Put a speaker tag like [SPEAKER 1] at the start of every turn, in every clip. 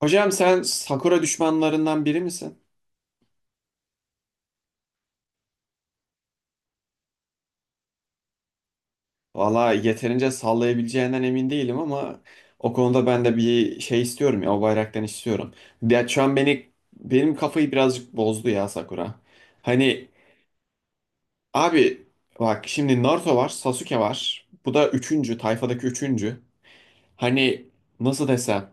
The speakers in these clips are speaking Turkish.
[SPEAKER 1] Hocam sen Sakura düşmanlarından biri misin? Valla yeterince sallayabileceğinden emin değilim ama o konuda ben de bir şey istiyorum ya, o bayraktan istiyorum. Ya şu an beni benim kafayı birazcık bozdu ya Sakura. Hani abi, bak şimdi Naruto var, Sasuke var. Bu da üçüncü, tayfadaki üçüncü. Hani nasıl desem,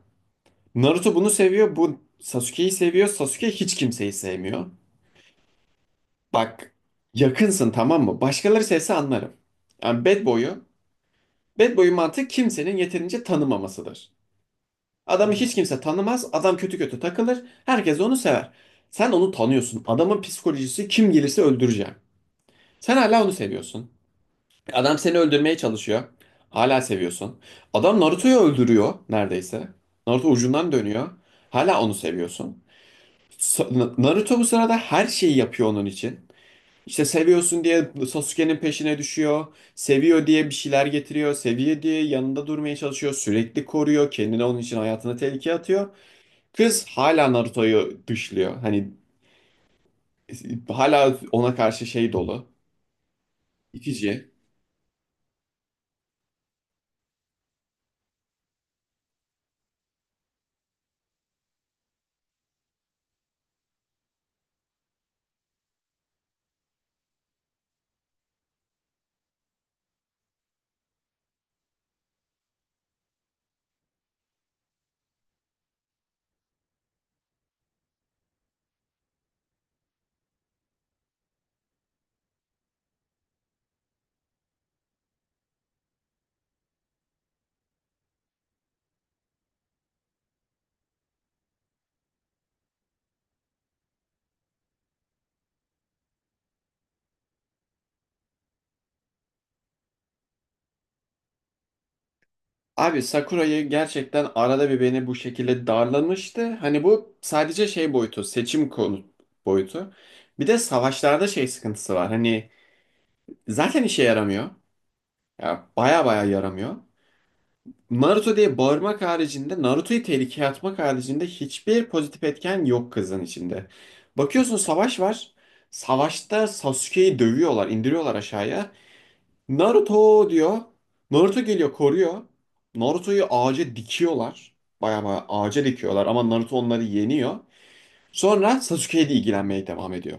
[SPEAKER 1] Naruto bunu seviyor, bu Sasuke'yi seviyor. Sasuke hiç kimseyi sevmiyor. Bak, yakınsın tamam mı? Başkaları sevse anlarım. Yani Bad Boy'u, Bad boy'un mantığı kimsenin yeterince tanımamasıdır. Adamı hiç kimse tanımaz, adam kötü kötü takılır, herkes onu sever. Sen onu tanıyorsun. Adamın psikolojisi kim gelirse öldüreceğim. Sen hala onu seviyorsun. Adam seni öldürmeye çalışıyor. Hala seviyorsun. Adam Naruto'yu öldürüyor neredeyse. Naruto ucundan dönüyor. Hala onu seviyorsun. Naruto bu sırada her şeyi yapıyor onun için. İşte seviyorsun diye Sasuke'nin peşine düşüyor. Seviyor diye bir şeyler getiriyor. Seviyor diye yanında durmaya çalışıyor. Sürekli koruyor. Kendini onun için hayatını tehlikeye atıyor. Kız hala Naruto'yu dışlıyor. Hani e, hala ona karşı şey dolu. İtici. Abi Sakura'yı gerçekten arada bir beni bu şekilde darlamıştı. Hani bu sadece şey boyutu, seçim konu boyutu. Bir de savaşlarda şey sıkıntısı var. Hani zaten işe yaramıyor. Ya baya baya yaramıyor. Naruto diye bağırmak haricinde, Naruto'yu tehlikeye atmak haricinde hiçbir pozitif etken yok kızın içinde. Bakıyorsun savaş var. Savaşta Sasuke'yi dövüyorlar, indiriyorlar aşağıya. Naruto diyor. Naruto geliyor, koruyor. Naruto'yu ağaca dikiyorlar. Baya baya ağaca dikiyorlar ama Naruto onları yeniyor. Sonra Sasuke'ye de ilgilenmeye devam ediyor.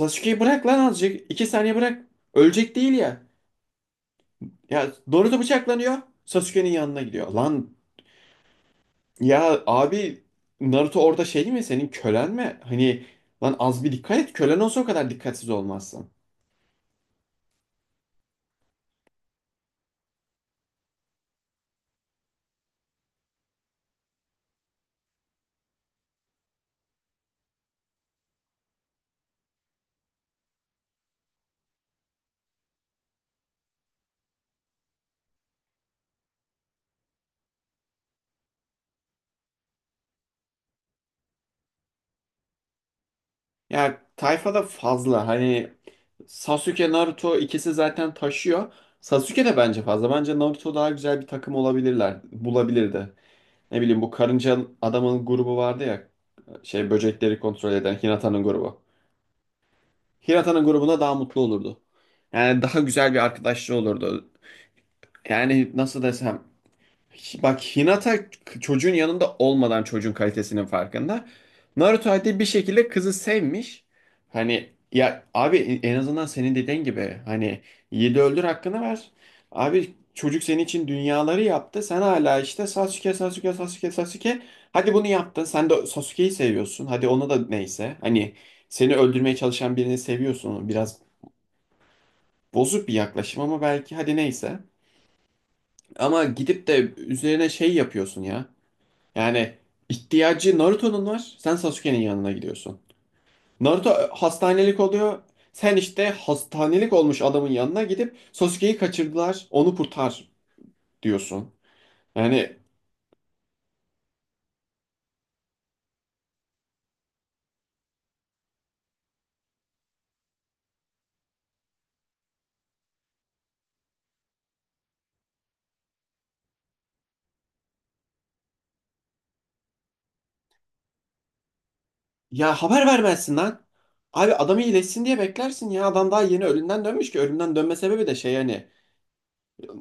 [SPEAKER 1] Sasuke'yi bırak lan azıcık. İki saniye bırak. Ölecek değil ya. Ya Naruto bıçaklanıyor. Sasuke'nin yanına gidiyor. Lan, ya abi, Naruto orada şey değil mi, senin kölen mi? Hani lan az bir dikkat et, kölen olsa o kadar dikkatsiz olmazsın. Ya tayfada fazla, hani Sasuke Naruto ikisi zaten taşıyor. Sasuke de bence fazla. Bence Naruto daha güzel bir takım olabilirler. Bulabilirdi. Ne bileyim, bu karınca adamın grubu vardı ya. Şey, böcekleri kontrol eden Hinata'nın grubu. Hinata'nın grubuna daha mutlu olurdu. Yani daha güzel bir arkadaşlığı olurdu. Yani nasıl desem, bak Hinata çocuğun yanında olmadan çocuğun kalitesinin farkında. Naruto hadi bir şekilde kızı sevmiş. Hani ya abi, en azından senin dediğin gibi hani yedi öldür hakkını ver. Abi çocuk senin için dünyaları yaptı. Sen hala işte Sasuke Sasuke Sasuke Sasuke. Hadi bunu yaptın. Sen de Sasuke'yi seviyorsun. Hadi ona da neyse. Hani seni öldürmeye çalışan birini seviyorsun. Biraz bozuk bir yaklaşım ama belki hadi neyse. Ama gidip de üzerine şey yapıyorsun ya. Yani ihtiyacı Naruto'nun var. Sen Sasuke'nin yanına gidiyorsun. Naruto hastanelik oluyor. Sen işte hastanelik olmuş adamın yanına gidip Sasuke'yi kaçırdılar, onu kurtar diyorsun. Yani ya haber vermezsin lan. Abi adamı iyileşsin diye beklersin ya. Adam daha yeni ölümden dönmüş ki. Ölümden dönme sebebi de şey hani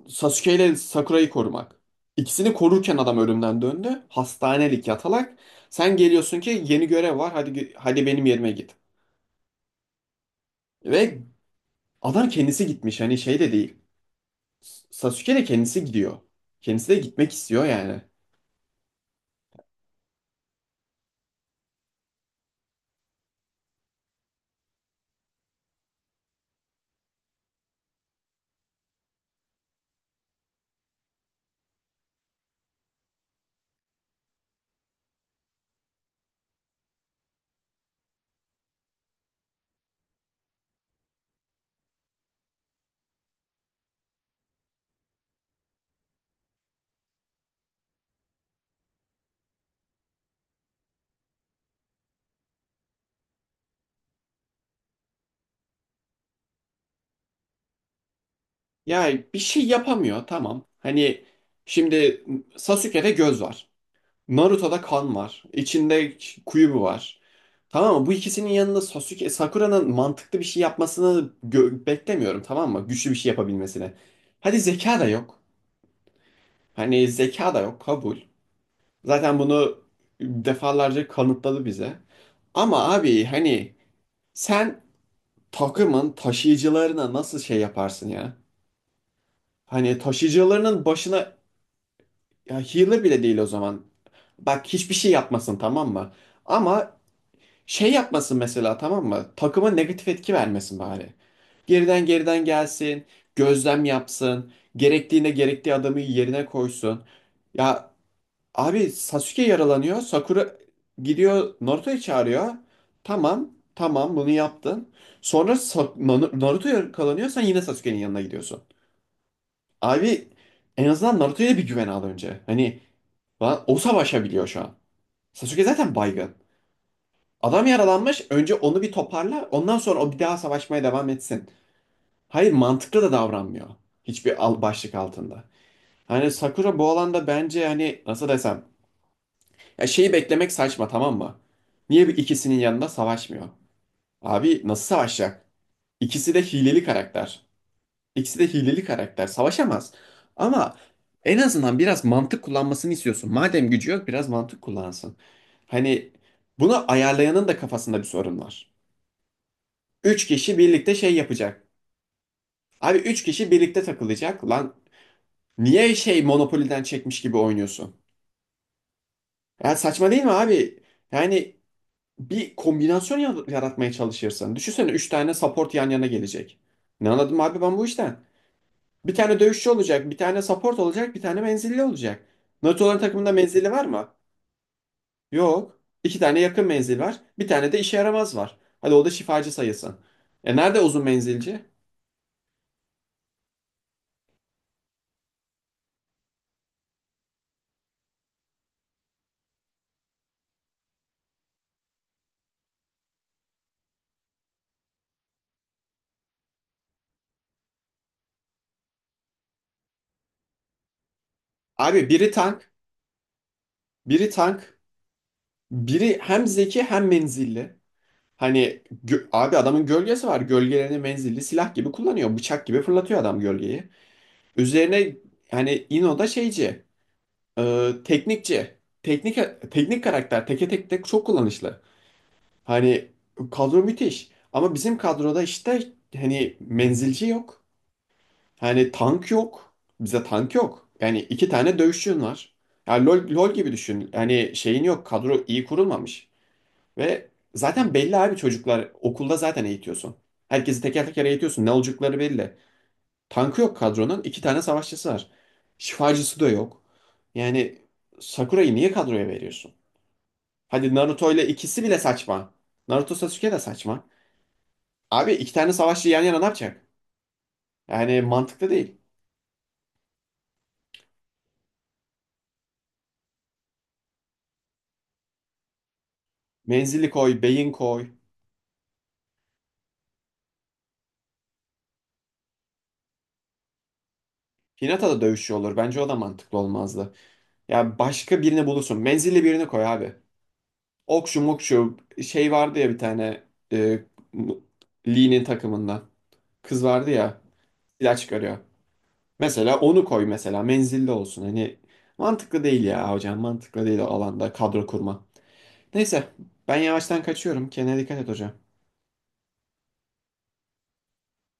[SPEAKER 1] Sasuke ile Sakura'yı korumak. İkisini korurken adam ölümden döndü. Hastanelik yatalak. Sen geliyorsun ki yeni görev var. Hadi hadi benim yerime git. Ve adam kendisi gitmiş hani, şey de değil. Sasuke de kendisi gidiyor. Kendisi de gitmek istiyor yani. Yani bir şey yapamıyor tamam. Hani şimdi Sasuke'de göz var. Naruto'da kan var. İçinde kuyubu var. Tamam mı? Bu ikisinin yanında Sasuke, Sakura'nın mantıklı bir şey yapmasını beklemiyorum tamam mı? Güçlü bir şey yapabilmesini. Hadi zeka da yok. Hani zeka da yok, kabul. Zaten bunu defalarca kanıtladı bize. Ama abi hani sen takımın taşıyıcılarına nasıl şey yaparsın ya? Hani taşıyıcılarının başına, ya healer bile değil o zaman. Bak hiçbir şey yapmasın tamam mı? Ama şey yapmasın mesela tamam mı? Takıma negatif etki vermesin bari. Geriden geriden gelsin, gözlem yapsın, gerektiğinde gerektiği adamı yerine koysun. Ya abi Sasuke yaralanıyor. Sakura gidiyor Naruto'yu çağırıyor. Tamam, tamam bunu yaptın. Sonra Naruto yakalanıyor. Sen yine Sasuke'nin yanına gidiyorsun. Abi en azından Naruto'ya bir güven al önce. Hani lan o savaşabiliyor şu an. Sasuke zaten baygın. Adam yaralanmış. Önce onu bir toparla. Ondan sonra o bir daha savaşmaya devam etsin. Hayır mantıklı da davranmıyor. Hiçbir al başlık altında. Hani Sakura bu alanda bence hani nasıl desem, ya şeyi beklemek saçma tamam mı? Niye bir ikisinin yanında savaşmıyor? Abi nasıl savaşacak? İkisi de hileli karakter. İkisi de hileli karakter. Savaşamaz. Ama en azından biraz mantık kullanmasını istiyorsun. Madem gücü yok biraz mantık kullansın. Hani bunu ayarlayanın da kafasında bir sorun var. Üç kişi birlikte şey yapacak. Abi üç kişi birlikte takılacak. Lan niye şey Monopoly'den çekmiş gibi oynuyorsun? Ya saçma değil mi abi? Yani bir kombinasyon yaratmaya çalışırsın. Düşünsene 3 tane support yan yana gelecek. Ne anladım abi ben bu işten? Bir tane dövüşçü olacak, bir tane support olacak, bir tane menzilli olacak. Naruto'ların takımında menzilli var mı? Yok. İki tane yakın menzil var. Bir tane de işe yaramaz var. Hadi o da şifacı sayılsın. E nerede uzun menzilci? Abi biri tank, biri tank, biri hem zeki hem menzilli. Hani abi adamın gölgesi var. Gölgelerini menzilli silah gibi kullanıyor. Bıçak gibi fırlatıyor adam gölgeyi. Üzerine hani İno da şeyci, teknikçi, teknik teknik karakter teke tek çok kullanışlı. Hani kadro müthiş ama bizim kadroda işte hani menzilci yok. Hani tank yok. Bize tank yok. Yani iki tane dövüşçün var. Yani LoL gibi düşün. Yani şeyin yok. Kadro iyi kurulmamış. Ve zaten belli abi, çocuklar okulda zaten eğitiyorsun. Herkesi teker teker eğitiyorsun. Ne olacakları belli. Tankı yok kadronun. İki tane savaşçısı var. Şifacısı da yok. Yani Sakura'yı niye kadroya veriyorsun? Hadi Naruto ile ikisi bile saçma. Naruto Sasuke de saçma. Abi iki tane savaşçı yan yana ne yapacak? Yani mantıklı değil. Menzili koy, beyin koy. Hinata da dövüşüyor olur. Bence o da mantıklı olmazdı. Ya başka birini bulursun. Menzilli birini koy abi. Okşu mokşu şey vardı ya bir tane, e, Lee'nin takımında. Kız vardı ya. Silah çıkarıyor. Mesela onu koy, mesela menzilde olsun. Hani mantıklı değil ya hocam, mantıklı değil o alanda kadro kurma. Neyse, ben yavaştan kaçıyorum. Kendine dikkat et hocam.